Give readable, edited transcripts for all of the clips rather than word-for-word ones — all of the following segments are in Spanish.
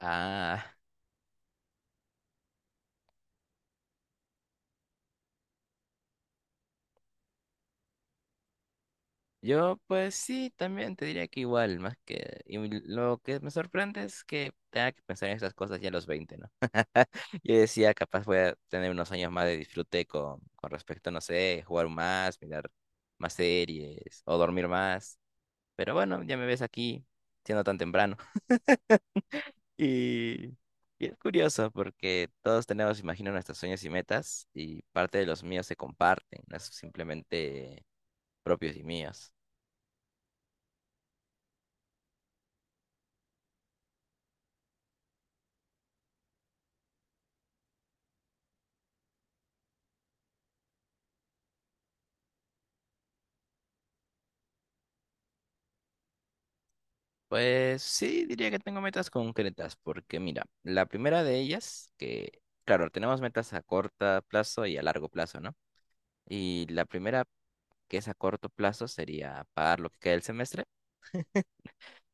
Ah, yo pues sí, también te diría que igual, más que... Y lo que me sorprende es que tenga que pensar en esas cosas ya a los 20, ¿no? Yo decía, capaz voy a tener unos años más de disfrute con respecto, no sé, jugar más, mirar más series o dormir más. Pero bueno, ya me ves aquí siendo tan temprano. Y, y es curioso porque todos tenemos, imagino, nuestros sueños y metas y parte de los míos se comparten, no es simplemente propios y míos. Pues sí, diría que tengo metas concretas, porque mira, la primera de ellas, que claro, tenemos metas a corto plazo y a largo plazo, ¿no? Y la primera, que es a corto plazo, sería pagar lo que queda del semestre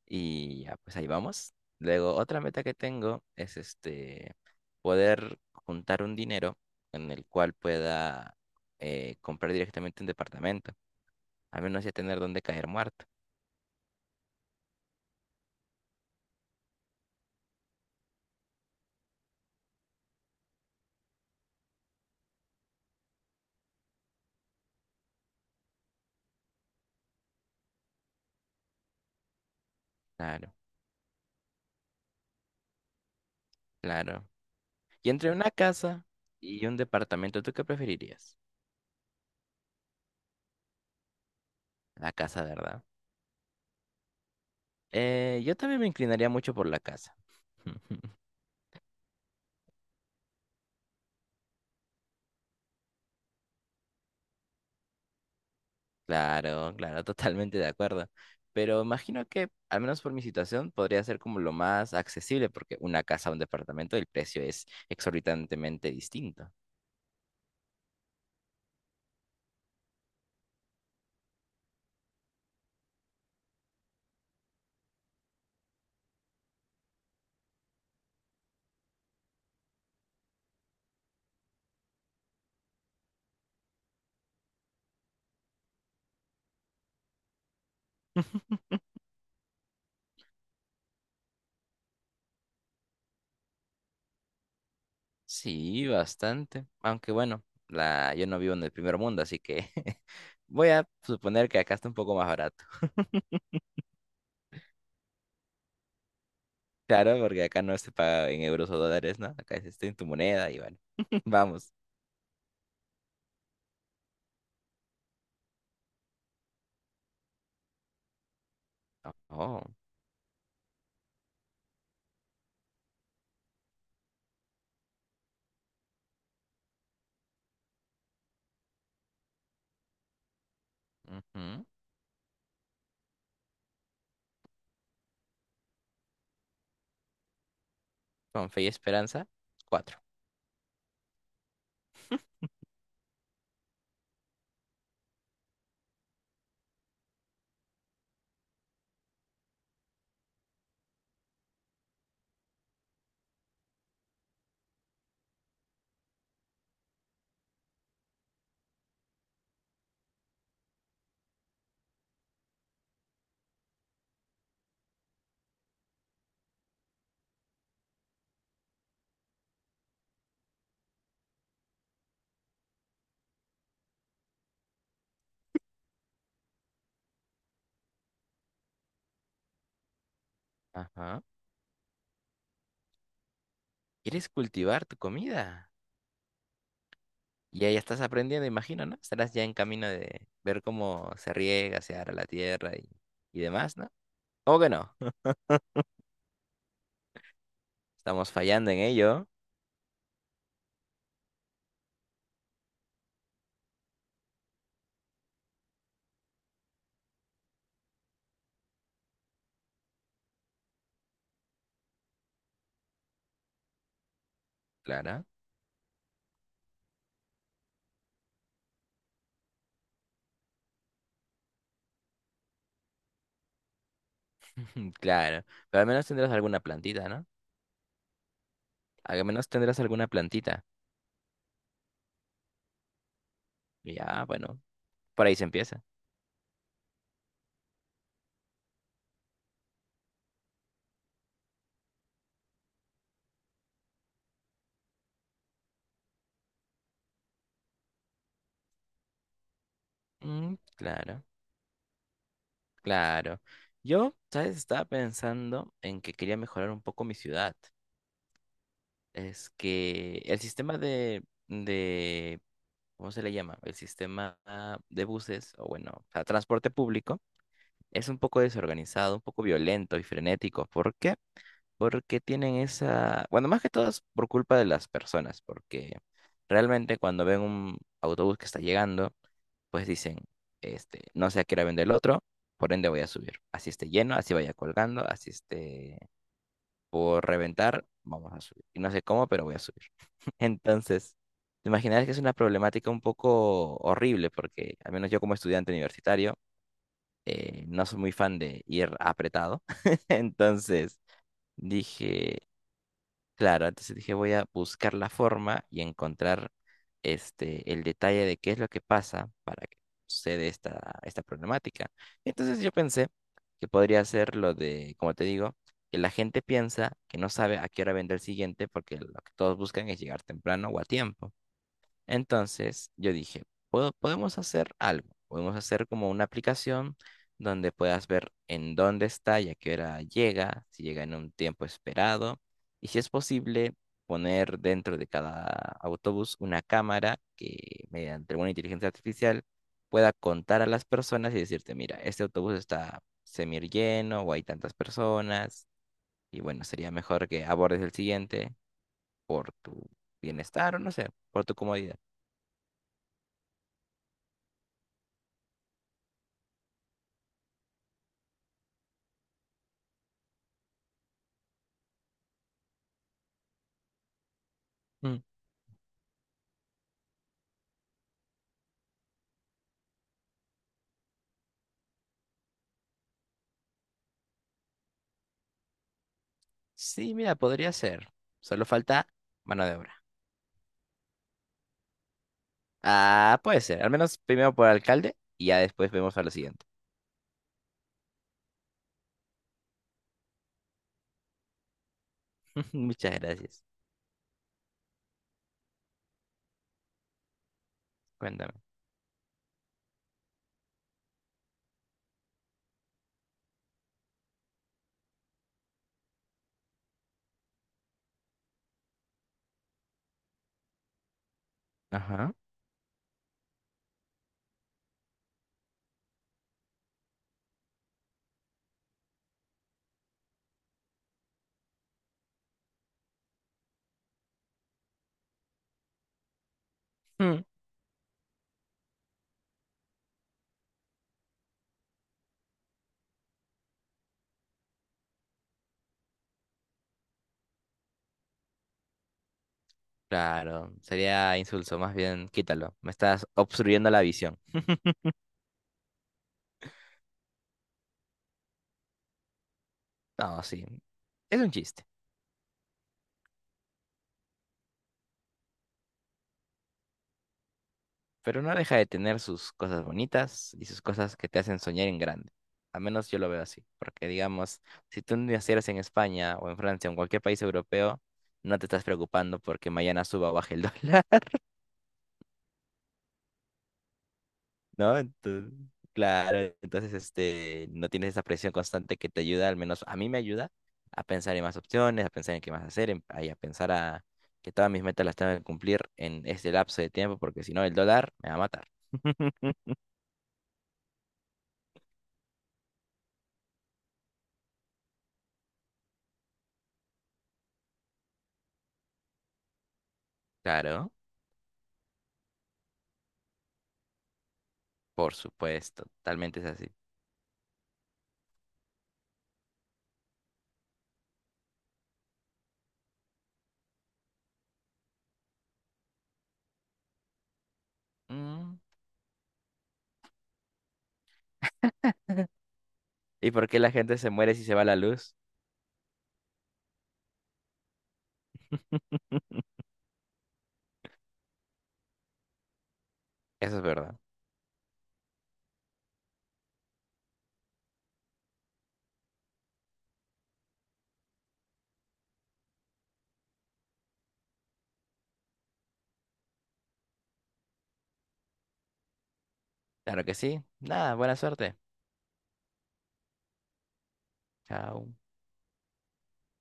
y ya, pues ahí vamos. Luego, otra meta que tengo es este, poder juntar un dinero en el cual pueda comprar directamente un departamento, al menos ya tener donde caer muerto. Claro, claro. Y entre una casa y un departamento, ¿tú qué preferirías? La casa, ¿verdad? Yo también me inclinaría mucho por la casa. Claro, claro, totalmente de acuerdo. Pero imagino que, al menos por mi situación, podría ser como lo más accesible, porque una casa o un departamento, el precio es exorbitantemente distinto. Sí, bastante. Aunque bueno, la... yo no vivo en el primer mundo, así que voy a suponer que acá está un poco más barato. Claro, porque acá no se paga en euros o dólares, ¿no? Acá es este en tu moneda y bueno. Vamos. Oh, ujú. Con fe y esperanza, cuatro. Ajá. ¿Quieres cultivar tu comida? Ya estás aprendiendo, imagino, ¿no? Estarás ya en camino de ver cómo se riega, se ara la tierra y demás, ¿no? ¿Cómo que no? Estamos fallando en ello, Clara. Claro. Pero al menos tendrás alguna plantita, ¿no? Al menos tendrás alguna plantita. Ya, bueno, por ahí se empieza. Mm, claro. Claro. Yo, ¿sabes? Estaba pensando en que quería mejorar un poco mi ciudad. Es que el sistema ¿cómo se le llama? El sistema de buses, o bueno, o sea, transporte público, es un poco desorganizado, un poco violento y frenético. ¿Por qué? Porque tienen esa, bueno, más que todo es por culpa de las personas, porque realmente cuando ven un autobús que está llegando, pues dicen, este, no sé a qué hora vende el otro, por ende voy a subir. Así esté lleno, así vaya colgando, así esté por reventar, vamos a subir. Y no sé cómo, pero voy a subir. Entonces, te imaginas que es una problemática un poco horrible, porque al menos yo como estudiante universitario, no soy muy fan de ir apretado. Entonces, dije, claro, entonces dije, voy a buscar la forma y encontrar este, el detalle de qué es lo que pasa para que suceda esta problemática. Entonces yo pensé que podría ser lo de, como te digo, que la gente piensa que no sabe a qué hora vendrá el siguiente porque lo que todos buscan es llegar temprano o a tiempo. Entonces yo dije, podemos hacer algo, podemos hacer como una aplicación donde puedas ver en dónde está y a qué hora llega, si llega en un tiempo esperado, y si es posible poner dentro de cada autobús una cámara que mediante una inteligencia artificial pueda contar a las personas y decirte, mira, este autobús está semi lleno o hay tantas personas, y bueno, sería mejor que abordes el siguiente por tu bienestar o no sé, por tu comodidad". Sí, mira, podría ser. Solo falta mano de obra. Ah, puede ser. Al menos primero por alcalde y ya después vemos a lo siguiente. Muchas gracias. Cuéntame. Ajá. Mm. Claro, sería insulso. Más bien, quítalo. Me estás obstruyendo la visión. No, sí. Es un chiste. Pero no deja de tener sus cosas bonitas y sus cosas que te hacen soñar en grande. Al menos yo lo veo así. Porque, digamos, si tú nacieras en España o en Francia o en cualquier país europeo, no te estás preocupando porque mañana suba o baje el dólar. ¿No? Entonces, claro, entonces este, no tienes esa presión constante que te ayuda, al menos a mí me ayuda a pensar en más opciones, a pensar en qué más hacer, en- ay, a, pensar a que todas mis metas las tengo que cumplir en este lapso de tiempo, porque si no el dólar me va a matar. Claro, por supuesto, totalmente es así. Mm, ¿y por qué la gente se muere si se va la luz? Eso es verdad. Claro que sí. Nada, buena suerte. Chao.